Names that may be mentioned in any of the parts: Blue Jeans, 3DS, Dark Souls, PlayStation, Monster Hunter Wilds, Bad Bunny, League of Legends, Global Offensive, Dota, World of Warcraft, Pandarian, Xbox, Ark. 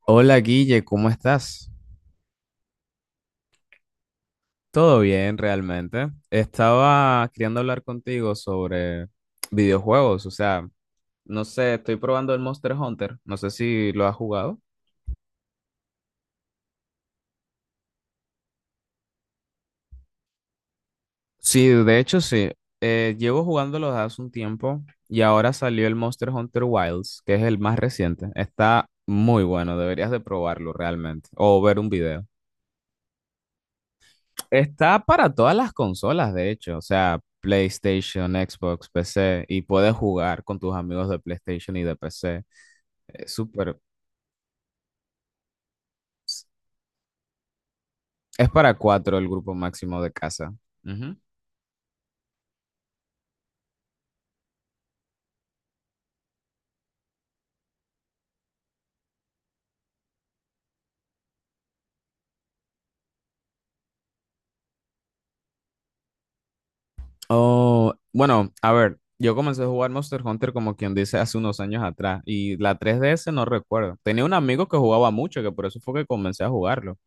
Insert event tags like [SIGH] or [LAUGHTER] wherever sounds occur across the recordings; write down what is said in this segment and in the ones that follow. Hola Guille, ¿cómo estás? Todo bien, realmente. Estaba queriendo hablar contigo sobre videojuegos, o sea, no sé, estoy probando el Monster Hunter, no sé si lo has jugado. Sí, de hecho sí, llevo jugándolo desde hace un tiempo y ahora salió el Monster Hunter Wilds, que es el más reciente. Está muy bueno, deberías de probarlo realmente o ver un video. Está para todas las consolas, de hecho, o sea, PlayStation, Xbox, PC, y puedes jugar con tus amigos de PlayStation y de PC. Es súper. Es para cuatro el grupo máximo de casa. Ujú. Oh, bueno, a ver, yo comencé a jugar Monster Hunter como quien dice hace unos años atrás, y la 3DS no recuerdo. Tenía un amigo que jugaba mucho, que por eso fue que comencé a jugarlo.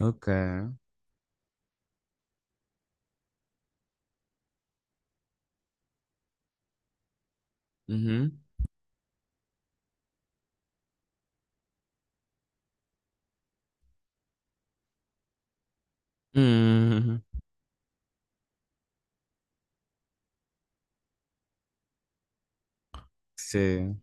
Ok. Ujú. Mm, sí.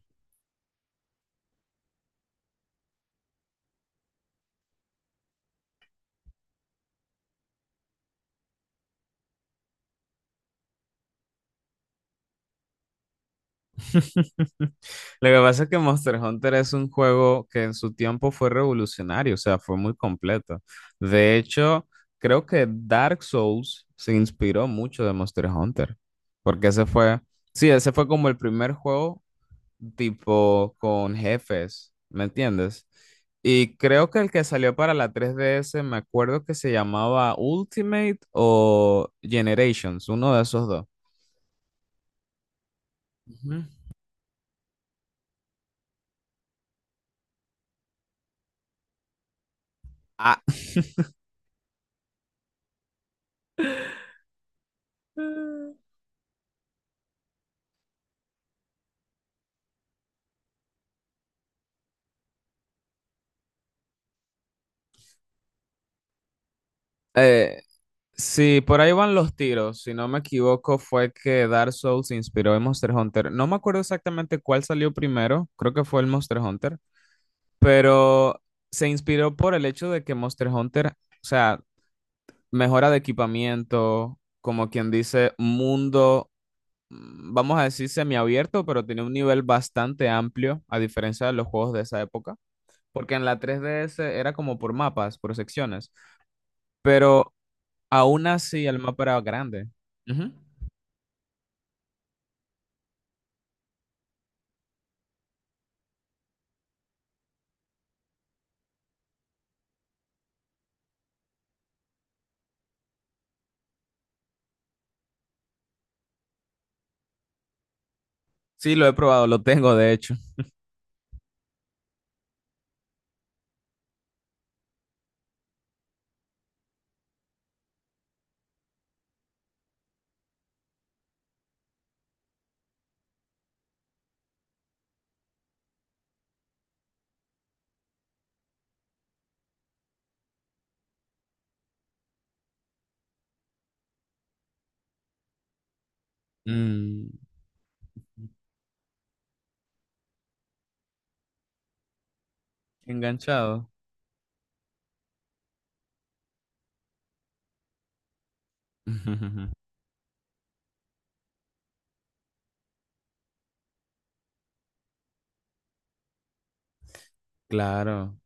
[LAUGHS] Lo que pasa es que Monster Hunter es un juego que en su tiempo fue revolucionario, o sea, fue muy completo. De hecho, creo que Dark Souls se inspiró mucho de Monster Hunter, porque ese fue, sí, ese fue como el primer juego tipo con jefes, ¿me entiendes? Y creo que el que salió para la 3DS, me acuerdo que se llamaba Ultimate o Generations, uno de esos dos. Ujú. Ah, [LAUGHS] eh, sí, por ahí van los tiros. Si no me equivoco, fue que Dark Souls se inspiró en Monster Hunter. No me acuerdo exactamente cuál salió primero, creo que fue el Monster Hunter, pero se inspiró por el hecho de que Monster Hunter, o sea, mejora de equipamiento, como quien dice, mundo, vamos a decir semiabierto, pero tiene un nivel bastante amplio, a diferencia de los juegos de esa época, porque en la 3DS era como por mapas, por secciones, pero aún así el mapa era grande. Ujú. Sí, lo he probado, lo tengo de hecho. Mm, Enganchado. [LAUGHS] Claro.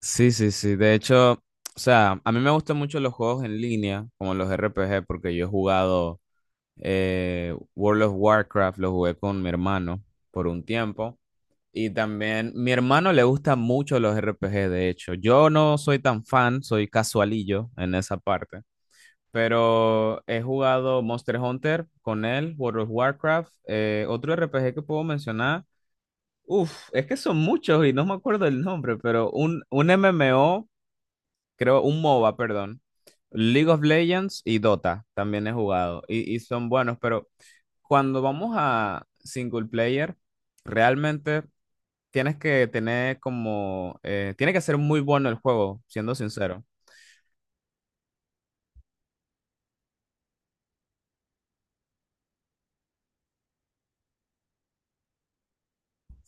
Sí, sí, sí. De hecho, o sea, a mí me gustan mucho los juegos en línea, como los RPG porque yo he jugado World of Warcraft, lo jugué con mi hermano por un tiempo. Y también mi hermano le gustan mucho los RPG. De hecho. Yo no soy tan fan, soy casualillo en esa parte. Pero he jugado Monster Hunter con él, World of Warcraft, otro RPG que puedo mencionar. Uf, es que son muchos y no me acuerdo el nombre, pero un MMO creo, un MOBA, perdón. League of Legends y Dota también he jugado y son buenos, pero cuando vamos a single player, realmente tienes que tener como, tiene que ser muy bueno el juego, siendo sincero.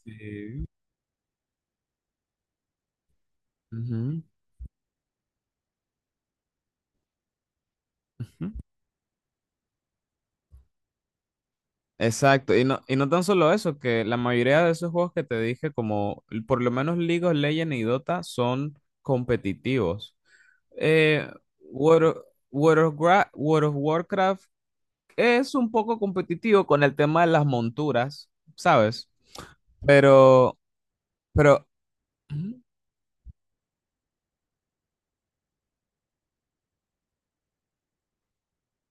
Sí. Ujú. Exacto, y no tan solo eso, que la mayoría de esos juegos que te dije, como l- por lo menos League of Legends y Dota, son competitivos. Eh, World of, World of Warcraft es un poco competitivo con el tema de las monturas, ¿sabes? Pero, pero, Ujú.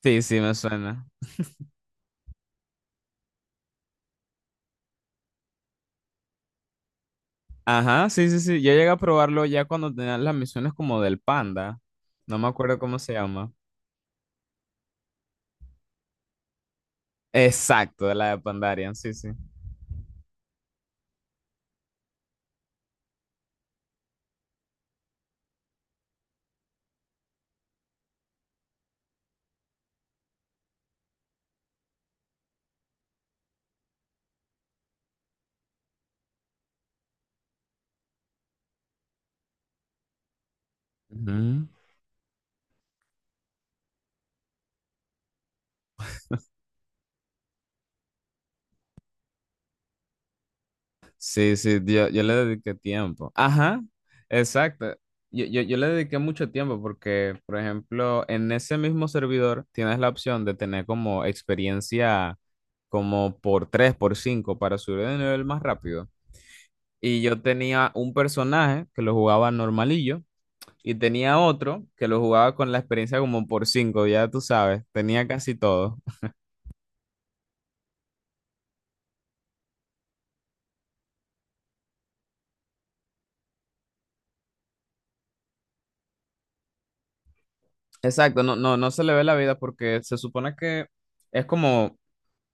Sí, sí, me suena. Ajá, sí, sí, sí, yo llegué a probarlo ya cuando tenían las misiones como del panda, no me acuerdo cómo se llama. Exacto, de la de Pandarian, sí, sí. Ujú. Sí, sí, yo le dediqué tiempo. Ajá, exacto. Yo le dediqué mucho tiempo porque, por ejemplo, en ese mismo servidor tienes la opción de tener como experiencia como por 3, por 5 para subir de nivel más rápido. Y yo tenía un personaje que lo jugaba normalillo y tenía otro que lo jugaba con la experiencia como por 5. Ya tú sabes, tenía casi todo. Exacto, no, no, no se le ve la vida porque se supone que es como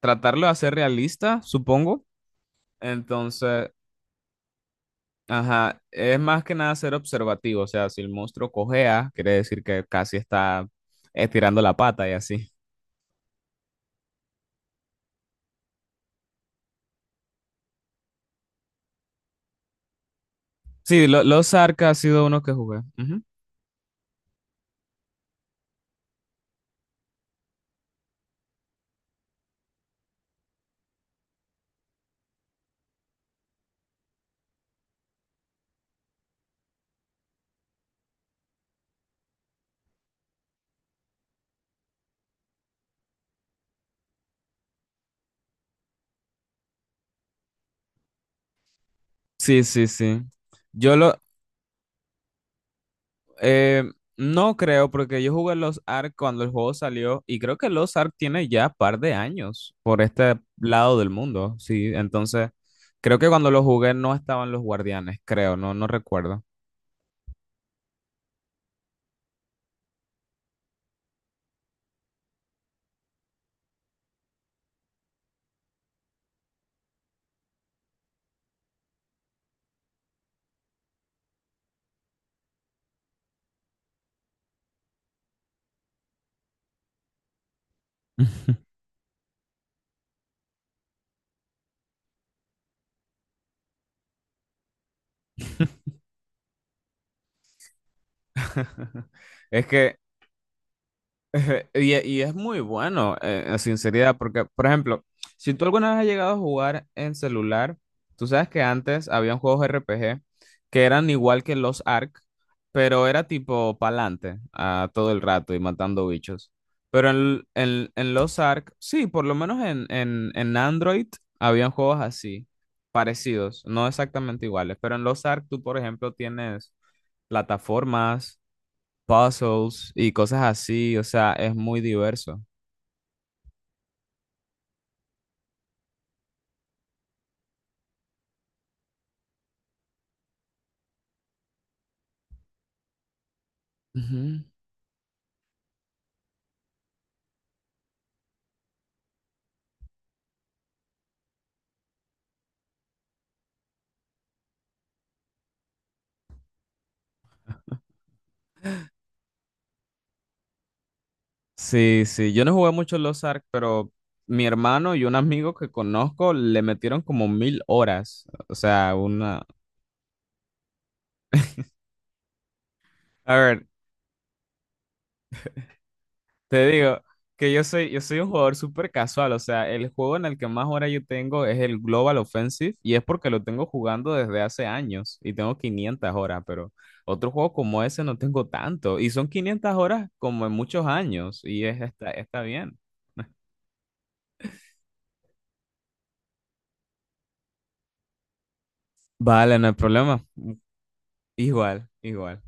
tratarlo de hacer realista, supongo. Entonces, ajá, es más que nada ser observativo. O sea, si el monstruo cojea, quiere decir que casi está estirando la pata y así. Sí, lo- los Arca ha sido uno que jugué. Ujú. Sí, sí, sí. Yo lo eh, no creo, porque yo jugué los Ark cuando el juego salió, y creo que los Ark tiene ya par de años por este lado del mundo. Sí, entonces creo que cuando lo jugué no estaban los guardianes, creo, no, no recuerdo. [LAUGHS] [LAUGHS] Es que, [LAUGHS] y es muy bueno, en sinceridad, porque, por ejemplo, si tú alguna vez has llegado a jugar en celular, tú sabes que antes habían juegos RPG que eran igual que los Ark, pero era tipo pa'lante a todo el rato y matando bichos. Pero en los Ark, sí, por lo menos en Android habían juegos así, parecidos, no exactamente iguales, pero en los Ark tú, por ejemplo, tienes plataformas puzzles y cosas así, o sea, es muy diverso. Ujú. Sí, sí, yo no jugué mucho Los Ark, pero mi hermano y un amigo que conozco le metieron como 1.000 horas, o sea, una... A ver, te digo que yo soy un jugador súper casual, o sea, el juego en el que más horas yo tengo es el Global Offensive y es porque lo tengo jugando desde hace años y tengo 500 horas, pero otro juego como ese no tengo tanto y son 500 horas como en muchos años y está bien. Vale, no hay problema. Igual, igual.